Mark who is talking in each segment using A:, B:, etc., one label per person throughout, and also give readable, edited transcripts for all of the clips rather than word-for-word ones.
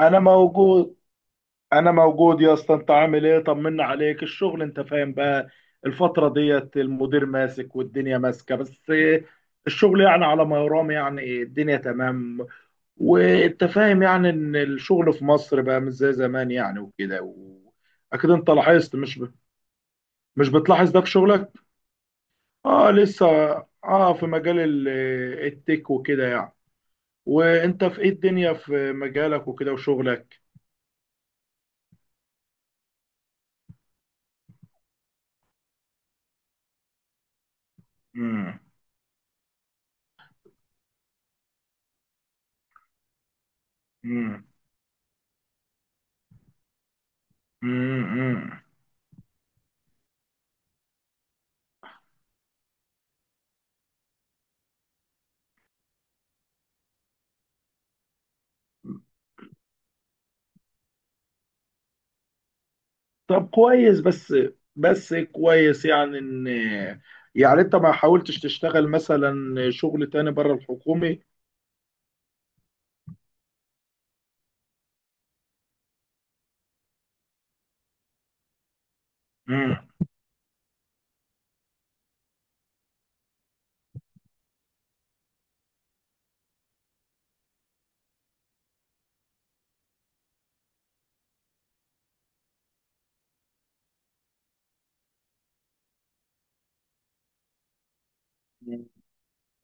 A: انا موجود انا موجود يا اسطى، انت عامل ايه؟ طمنا عليك الشغل انت فاهم بقى. الفترة ديت المدير ماسك والدنيا ماسكة بس. الشغل يعني على ما يرام، يعني الدنيا تمام. وانت فاهم يعني ان الشغل في مصر بقى مش زي زمان، يعني وكده. اكيد انت لاحظت، مش بتلاحظ ده في شغلك؟ اه لسه. اه في مجال التك وكده يعني. وانت في ايه الدنيا، في مجالك وكده وشغلك؟ امم مم. طب كويس بس، بس كويس يعني ان، يعني انت ما حاولتش تشتغل مثلا شغل تاني بره الحكومي؟ مم.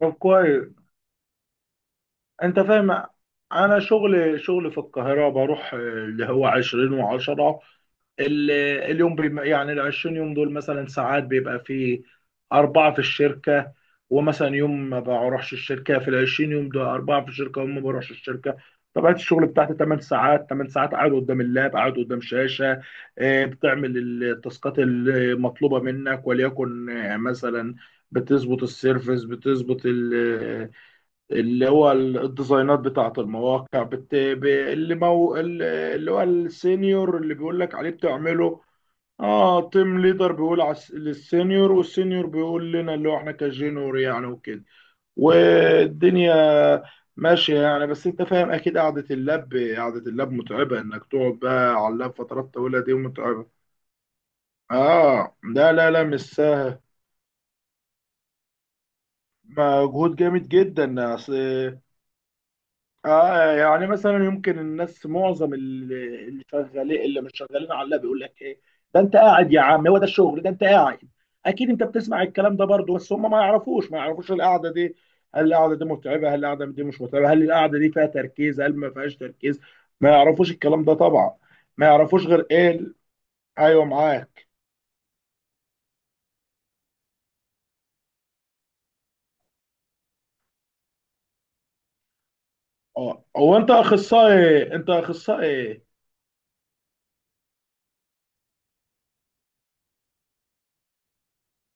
A: طب كويس، انت فاهم. انا شغل في القاهرة، بروح اللي هو 20 و10. ال- اليوم بيم، يعني ال 20 يوم دول مثلا، ساعات بيبقى في أربعة في الشركة. ومثلا يوم ما بروحش الشركة، في ال 20 يوم دول أربعة في الشركة وما بروحش الشركة. طبيعة الشغل بتاعتي 8 ساعات، 8 ساعات قاعد قدام اللاب، قاعد قدام شاشة. بتعمل التاسكات المطلوبة منك، وليكن مثلا بتظبط السيرفس، بتظبط اللي هو الديزاينات بتاعة المواقع، اللي اللي هو السينيور اللي بيقول لك عليه بتعمله. اه تيم ليدر بيقول على للسينيور والسينيور بيقول لنا اللي هو احنا كجينور يعني وكده. والدنيا ماشية يعني، بس انت فاهم اكيد قعدة اللاب، قعدة اللاب متعبة، انك تقعد بقى على اللاب فترات طويلة دي متعبة. اه لا لا لا، مش سهل. مجهود جامد جدا. اصل اه يعني مثلا يمكن الناس، معظم اللي شغالين، اللي مش شغالين على اللاب، بيقول لك ايه؟ ده انت قاعد يا عم، هو ده الشغل؟ ده انت قاعد. اكيد انت بتسمع الكلام ده برضه. بس هم ما يعرفوش، ما يعرفوش القعده دي. هل القعده دي متعبه؟ هل القعده دي مش متعبه؟ هل القعده دي فيها تركيز؟ هل ما فيهاش تركيز؟ ما يعرفوش الكلام ده طبعا. ما يعرفوش غير ايه ايوه معاك. اه هو انت اخصائي؟ انت اخصائي؟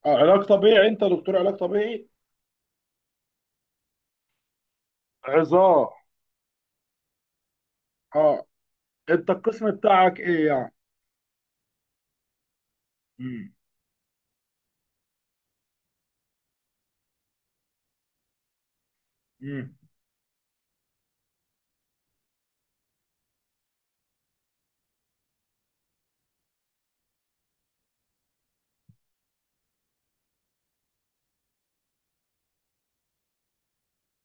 A: اه علاج طبيعي، انت دكتور علاج طبيعي؟ عظام؟ اه، انت القسم بتاعك ايه يعني؟ مم. مم.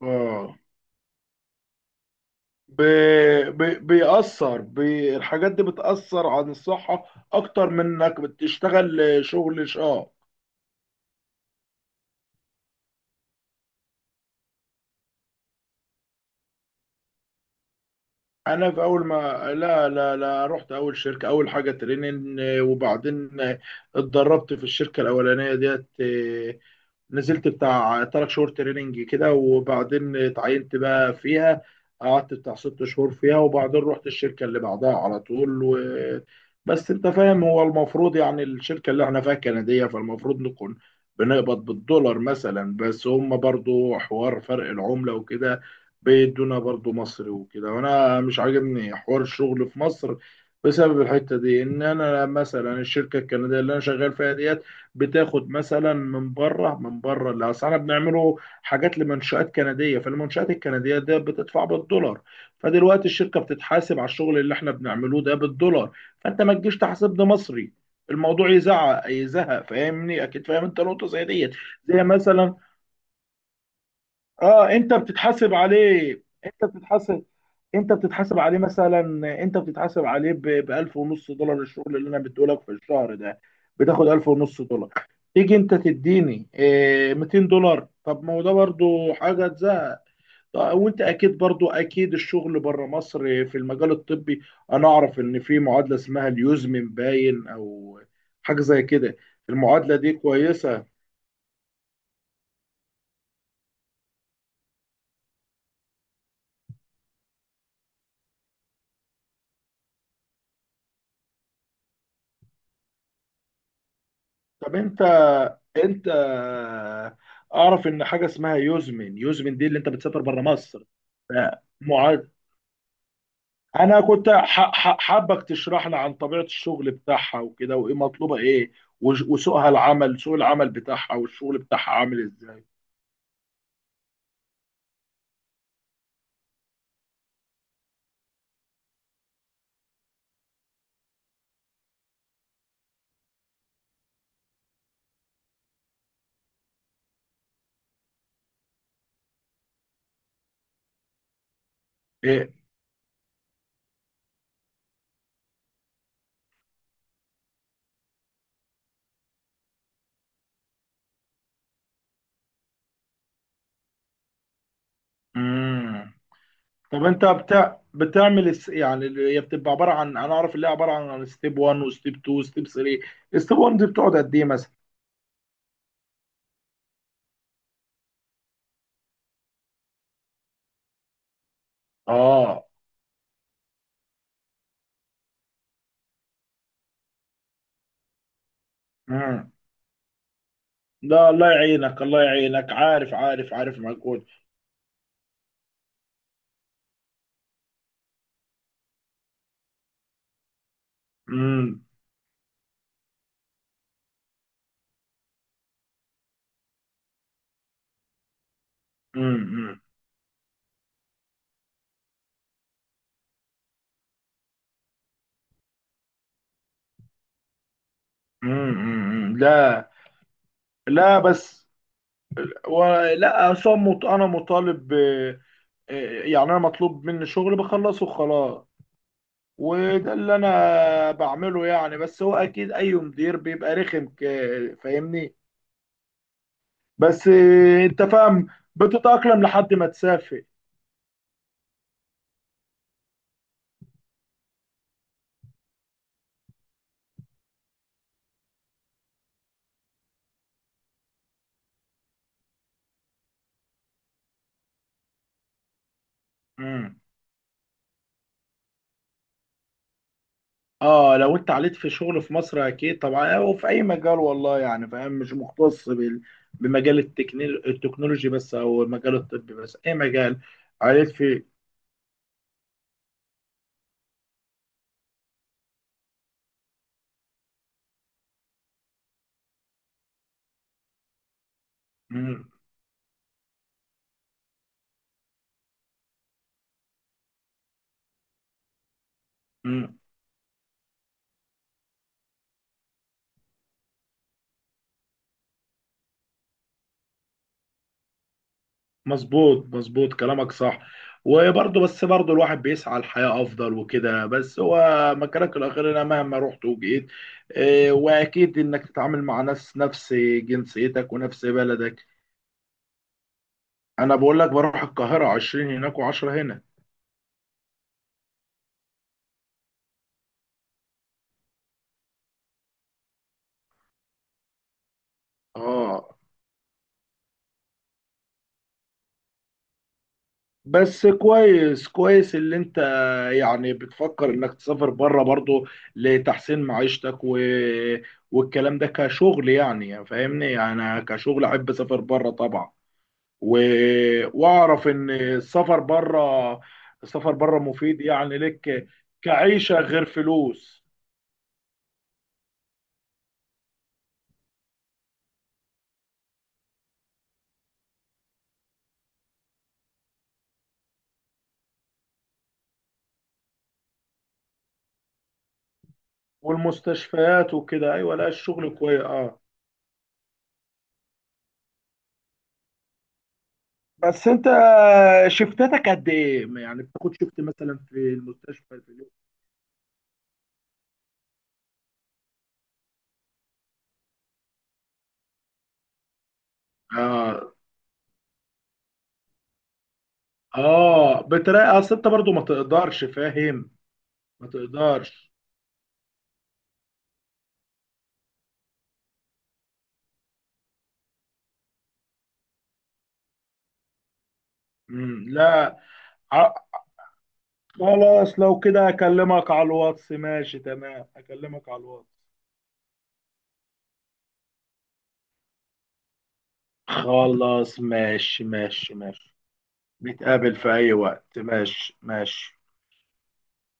A: اه ب... بيأثر الحاجات دي بتأثر عن الصحة، أكتر من إنك بتشتغل شغل شاق. أنا في أول ما لا لا لا، رحت أول شركة أول حاجة تريننج، وبعدين اتدربت في الشركة الأولانية ديت. نزلت بتاع تلات شهور تريننج كده، وبعدين اتعينت بقى فيها. قعدت بتاع ست شهور فيها، وبعدين رحت الشركة اللي بعدها على طول. بس انت فاهم، هو المفروض يعني الشركة اللي احنا فيها كندية، فالمفروض نكون بنقبض بالدولار مثلا. بس هم برضو حوار فرق العملة وكده، بيدونا برضو مصري وكده. وانا مش عاجبني حوار الشغل في مصر بسبب الحتة دي. ان انا مثلا الشركة الكندية اللي انا شغال فيها دي بتاخد مثلا من بره اللي اصل احنا بنعمله حاجات لمنشآت كنديه. فالمنشآت الكنديه ده بتدفع بالدولار، فدلوقتي الشركه بتتحاسب على الشغل اللي احنا بنعمله ده بالدولار. فانت ما تجيش تحاسبني مصري. الموضوع يزعق يزهق، فاهمني اكيد، فاهم انت نقطه زي ديت. زي مثلا، اه انت بتتحاسب عليه، انت بتتحاسب عليه مثلا، انت بتتحاسب عليه ب 1000 ونص دولار. الشغل اللي انا بديهولك في الشهر ده بتاخد 1000 ونص دولار، تيجي انت تديني $200؟ طب ما هو ده برضو حاجه تزهق. طب وانت اكيد برضو اكيد، الشغل بره مصر في المجال الطبي، انا اعرف ان في معادله اسمها اليوزمن باين، او حاجه زي كده. المعادله دي كويسه. طب انت انت اعرف ان حاجه اسمها يوزمن، يوزمن دي اللي انت بتسافر بره مصر. ف- معاد انا كنت حابك تشرح لي عن طبيعه الشغل بتاعها وكده، وايه مطلوبه ايه، وسوقها العمل، سوق العمل بتاعها والشغل بتاعها عامل ازاي؟ ايه، امم طب انت بتاع بتعمل يعني اللي هي بتبقى عباره عن، انا اعرف اللي هي عباره عن ستيب 1 وستيب 2 وستيب 3. ستيب 1 دي بتقعد قد ايه مثلا؟ اه لا، الله يعينك، الله يعينك، عارف عارف عارف مجهود. امم امم لا، لا بس، ولا أصلاً انا مطالب يعني انا مطلوب مني شغل بخلصه خلاص. وده اللي انا بعمله يعني، بس هو اكيد اي مدير بيبقى رخم فاهمني بس انت فاهم، بتتأقلم لحد ما تسافر. اه، لو انت عليت في شغل في مصر اكيد طبعا، او في اي مجال والله يعني، فاهم؟ مش مختص بمجال التكنولوجي بس، او مجال الطب بس، اي مجال عليت فيه. مم، مم. مظبوط مظبوط كلامك صح. وبرضه، بس برضه الواحد بيسعى لحياة افضل وكده، بس هو مكانك الاخير، انا مهما رحت وجيت. واكيد انك تتعامل مع ناس نفس جنسيتك ونفس بلدك. انا بقول لك بروح القاهرة 20 هناك و10 هنا. اه بس كويس، كويس اللي انت يعني بتفكر انك تسافر بره برضو لتحسين معيشتك. والكلام ده كشغل، يعني فاهمني، انا كشغل احب اسافر بره طبعا و... واعرف ان السفر بره، مفيد يعني لك كعيشة، غير فلوس. والمستشفيات وكده، ايوه لا الشغل كويس اه. بس انت شفتاتك قد ايه يعني؟ بتاخد شفت مثلا في المستشفى في اليوم؟ آه. اه بتراقي، اصل انت برضو ما تقدرش، فاهم؟ ما تقدرش. مم. لا، ع- خلاص لو كده اكلمك على الواتس. ماشي تمام، اكلمك على الواتس. خلاص ماشي ماشي ماشي. نتقابل في اي وقت، ماشي ماشي.